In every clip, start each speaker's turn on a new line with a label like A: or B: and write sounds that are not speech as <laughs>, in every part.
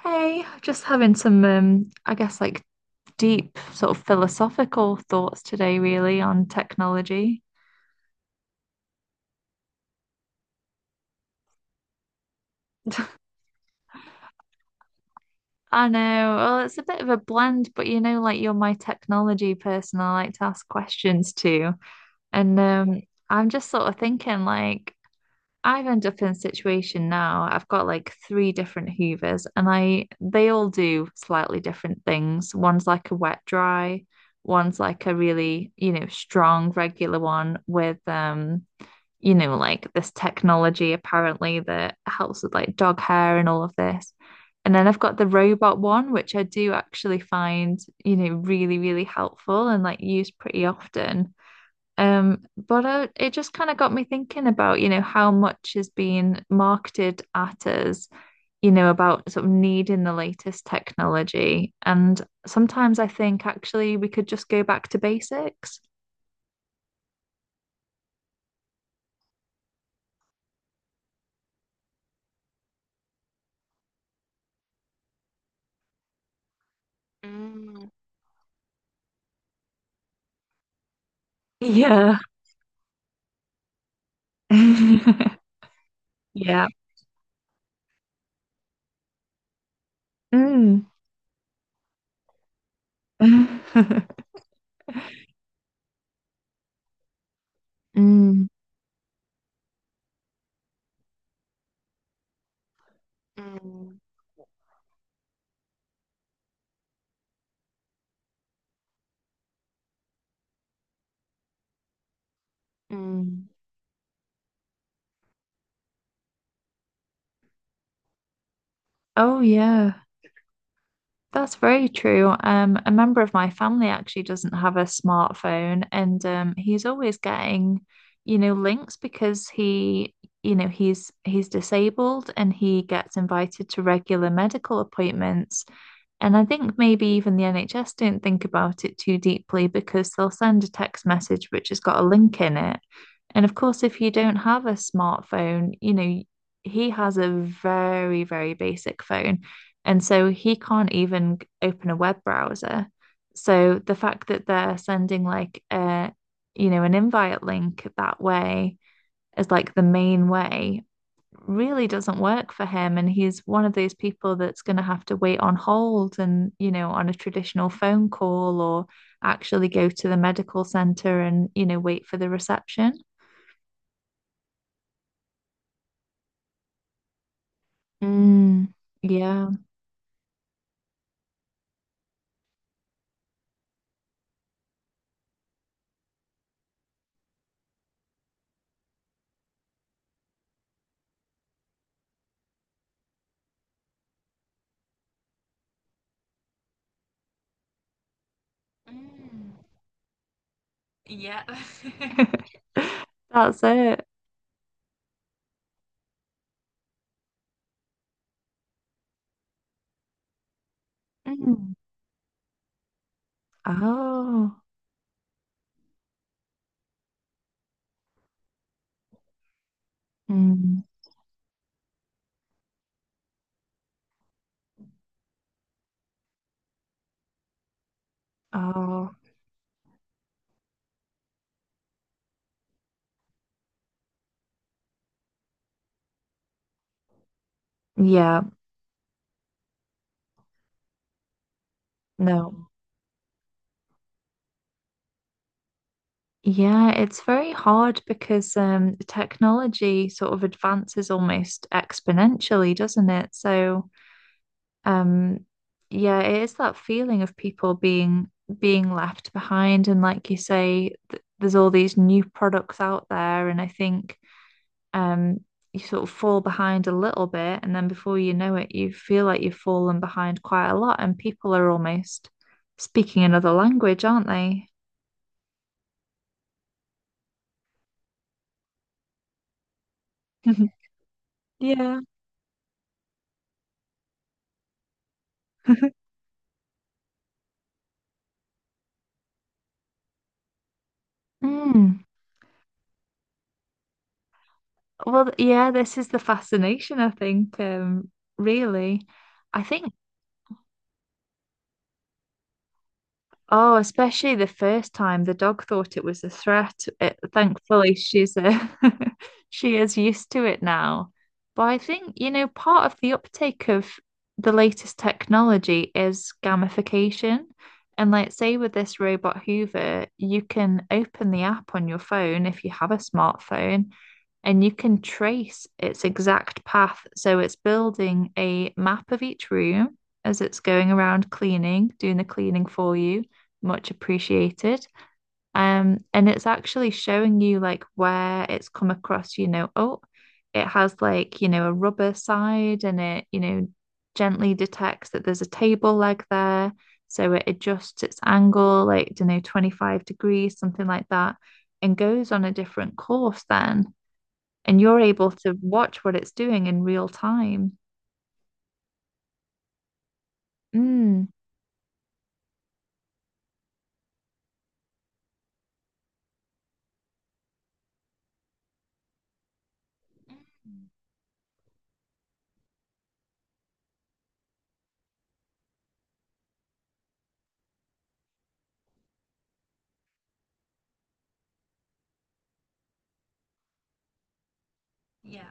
A: Hey, just having some, I guess, like deep sort of philosophical thoughts today, really, on technology. <laughs> I know, well, it's a bit of a blend, but you know, like you're my technology person, I like to ask questions to. And I'm just sort of thinking, like, I've ended up in a situation now. I've got like three different Hoovers and I they all do slightly different things. One's like a wet dry, one's like a really, you know, strong regular one with you know, like this technology apparently that helps with like dog hair and all of this. And then I've got the robot one, which I do actually find, you know, really, really helpful and like used pretty often. But it just kind of got me thinking about, you know, how much is being marketed at us, you know, about sort of needing the latest technology. And sometimes I think actually we could just go back to basics. Yeah. <laughs> Yeah. Mm. <laughs> Mm. Mm. Mm. Oh, yeah. That's very true. A member of my family actually doesn't have a smartphone, and he's always getting, you know, links because he, you know, he's disabled and he gets invited to regular medical appointments. And I think maybe even the NHS don't think about it too deeply because they'll send a text message which has got a link in it. And of course, if you don't have a smartphone, you know, he has a very, very basic phone. And so he can't even open a web browser. So the fact that they're sending like you know, an invite link that way as like the main way really doesn't work for him. And he's one of those people that's going to have to wait on hold and, you know, on a traditional phone call or actually go to the medical center and, you know, wait for the reception. Mm, yeah. Mm. Yeah. <laughs> <laughs> That's it. Mm. Oh. Mm. Oh. Yeah. No. Yeah, it's very hard because technology sort of advances almost exponentially, doesn't it? So, um, yeah, it is that feeling of people being left behind, and like you say, th there's all these new products out there, and I think um, you sort of fall behind a little bit, and then before you know it, you feel like you've fallen behind quite a lot, and people are almost speaking another language, aren't they? <laughs> Yeah. <laughs> Mm. Well, yeah, this is the fascination, I think, really. I think Oh, especially the first time the dog thought it was a threat. It, thankfully, she's a <laughs> she is used to it now. But I think, you know, part of the uptake of the latest technology is gamification. And like, say with this robot Hoover, you can open the app on your phone if you have a smartphone, and you can trace its exact path. So it's building a map of each room as it's going around cleaning, doing the cleaning for you much appreciated. And it's actually showing you like where it's come across, you know, oh, it has like, you know, a rubber side and it, you know, gently detects that there's a table leg there. So it adjusts its angle, like, you know, 25 degrees, something like that, and goes on a different course then. And you're able to watch what it's doing in real time. Mm. Mm. Yeah.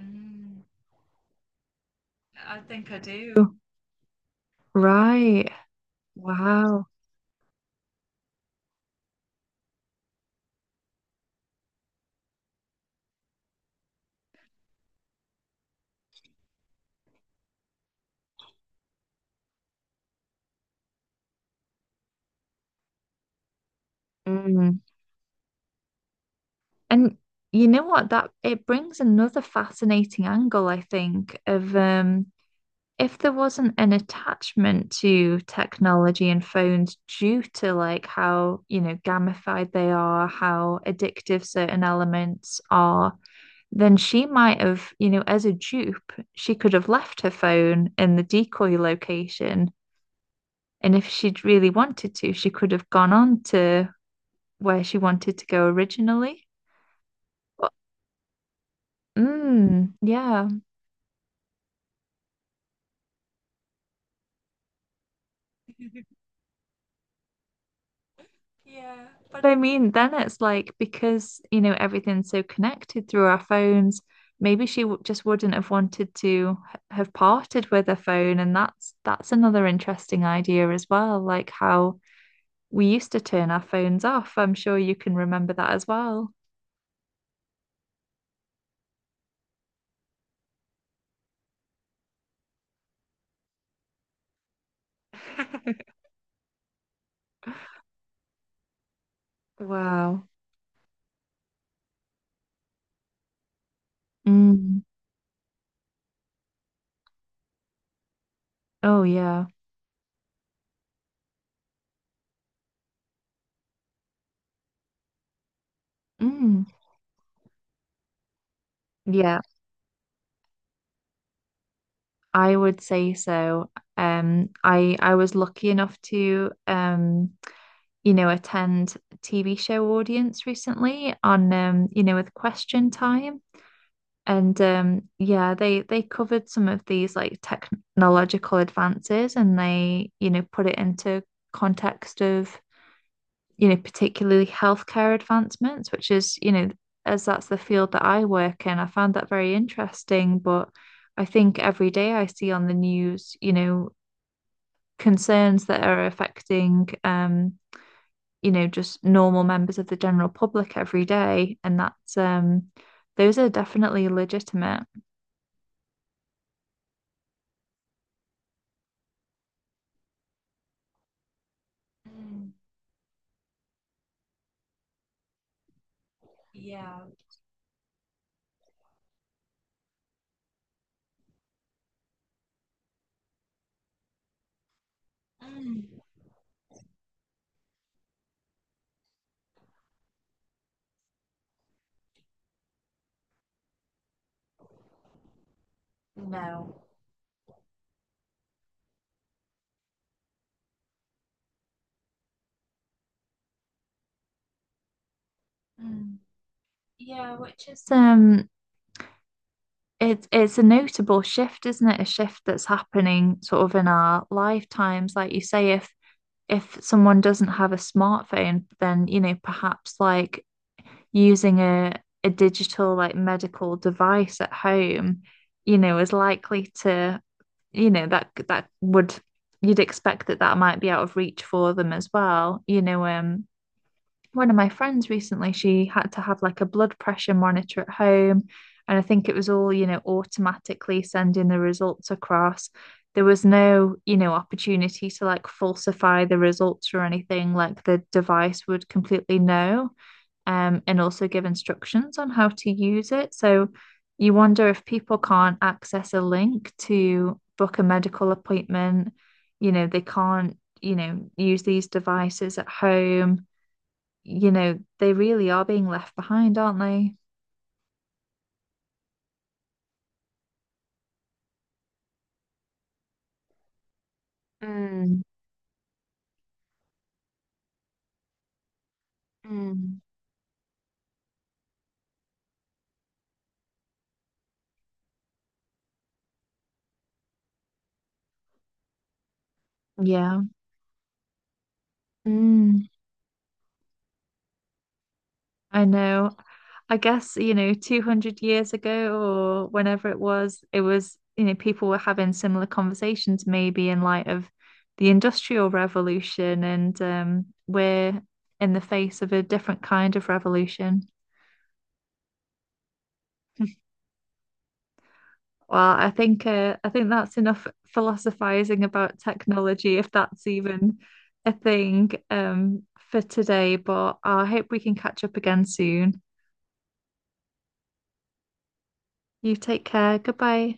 A: Mm, I think I do. Right. Wow. Mm. And you know what? That it brings another fascinating angle, I think, of if there wasn't an attachment to technology and phones due to like how, you know, gamified they are, how addictive certain elements are, then she might have, you know, as a dupe, she could have left her phone in the decoy location. And if she'd really wanted to, she could have gone on to where she wanted to go originally. Mm, yeah. But I mean, then it's like because, you know, everything's so connected through our phones, maybe she w just wouldn't have wanted to have parted with her phone. And that's another interesting idea as well, like how we used to turn our phones off. I'm sure you can remember that as well. <laughs> Wow. Mm. Oh yeah. Mm. Yeah, I would say so. I was lucky enough to you know, attend a TV show audience recently on you know, with Question Time. And yeah, they covered some of these like technological advances and they, you know, put it into context of, you know, particularly healthcare advancements, which is, you know, as that's the field that I work in, I found that very interesting. But I think every day I see on the news, you know, concerns that are affecting you know, just normal members of the general public every day. And that's those are definitely legitimate. Mm. Yeah, which is it's a notable shift, isn't it? A shift that's happening sort of in our lifetimes. Like you say, if someone doesn't have a smartphone, then you know, perhaps like using a digital like medical device at home, you know, is likely to that would you'd expect that that might be out of reach for them as well, you know. One of my friends recently, she had to have like a blood pressure monitor at home, and I think it was all, you know, automatically sending the results across. There was no, you know, opportunity to like falsify the results or anything, like the device would completely know. And also give instructions on how to use it. So you wonder if people can't access a link to book a medical appointment, you know, they can't, you know, use these devices at home, you know, they really are being left behind, aren't they? Mm. Mm. Yeah, mm. I know. I guess, you know, 200 years ago or whenever it was, you know, people were having similar conversations maybe in light of the Industrial Revolution, and we're in the face of a different kind of revolution. <laughs> Well, I think that's enough philosophizing about technology, if that's even a thing for today. But I hope we can catch up again soon. You take care. Goodbye.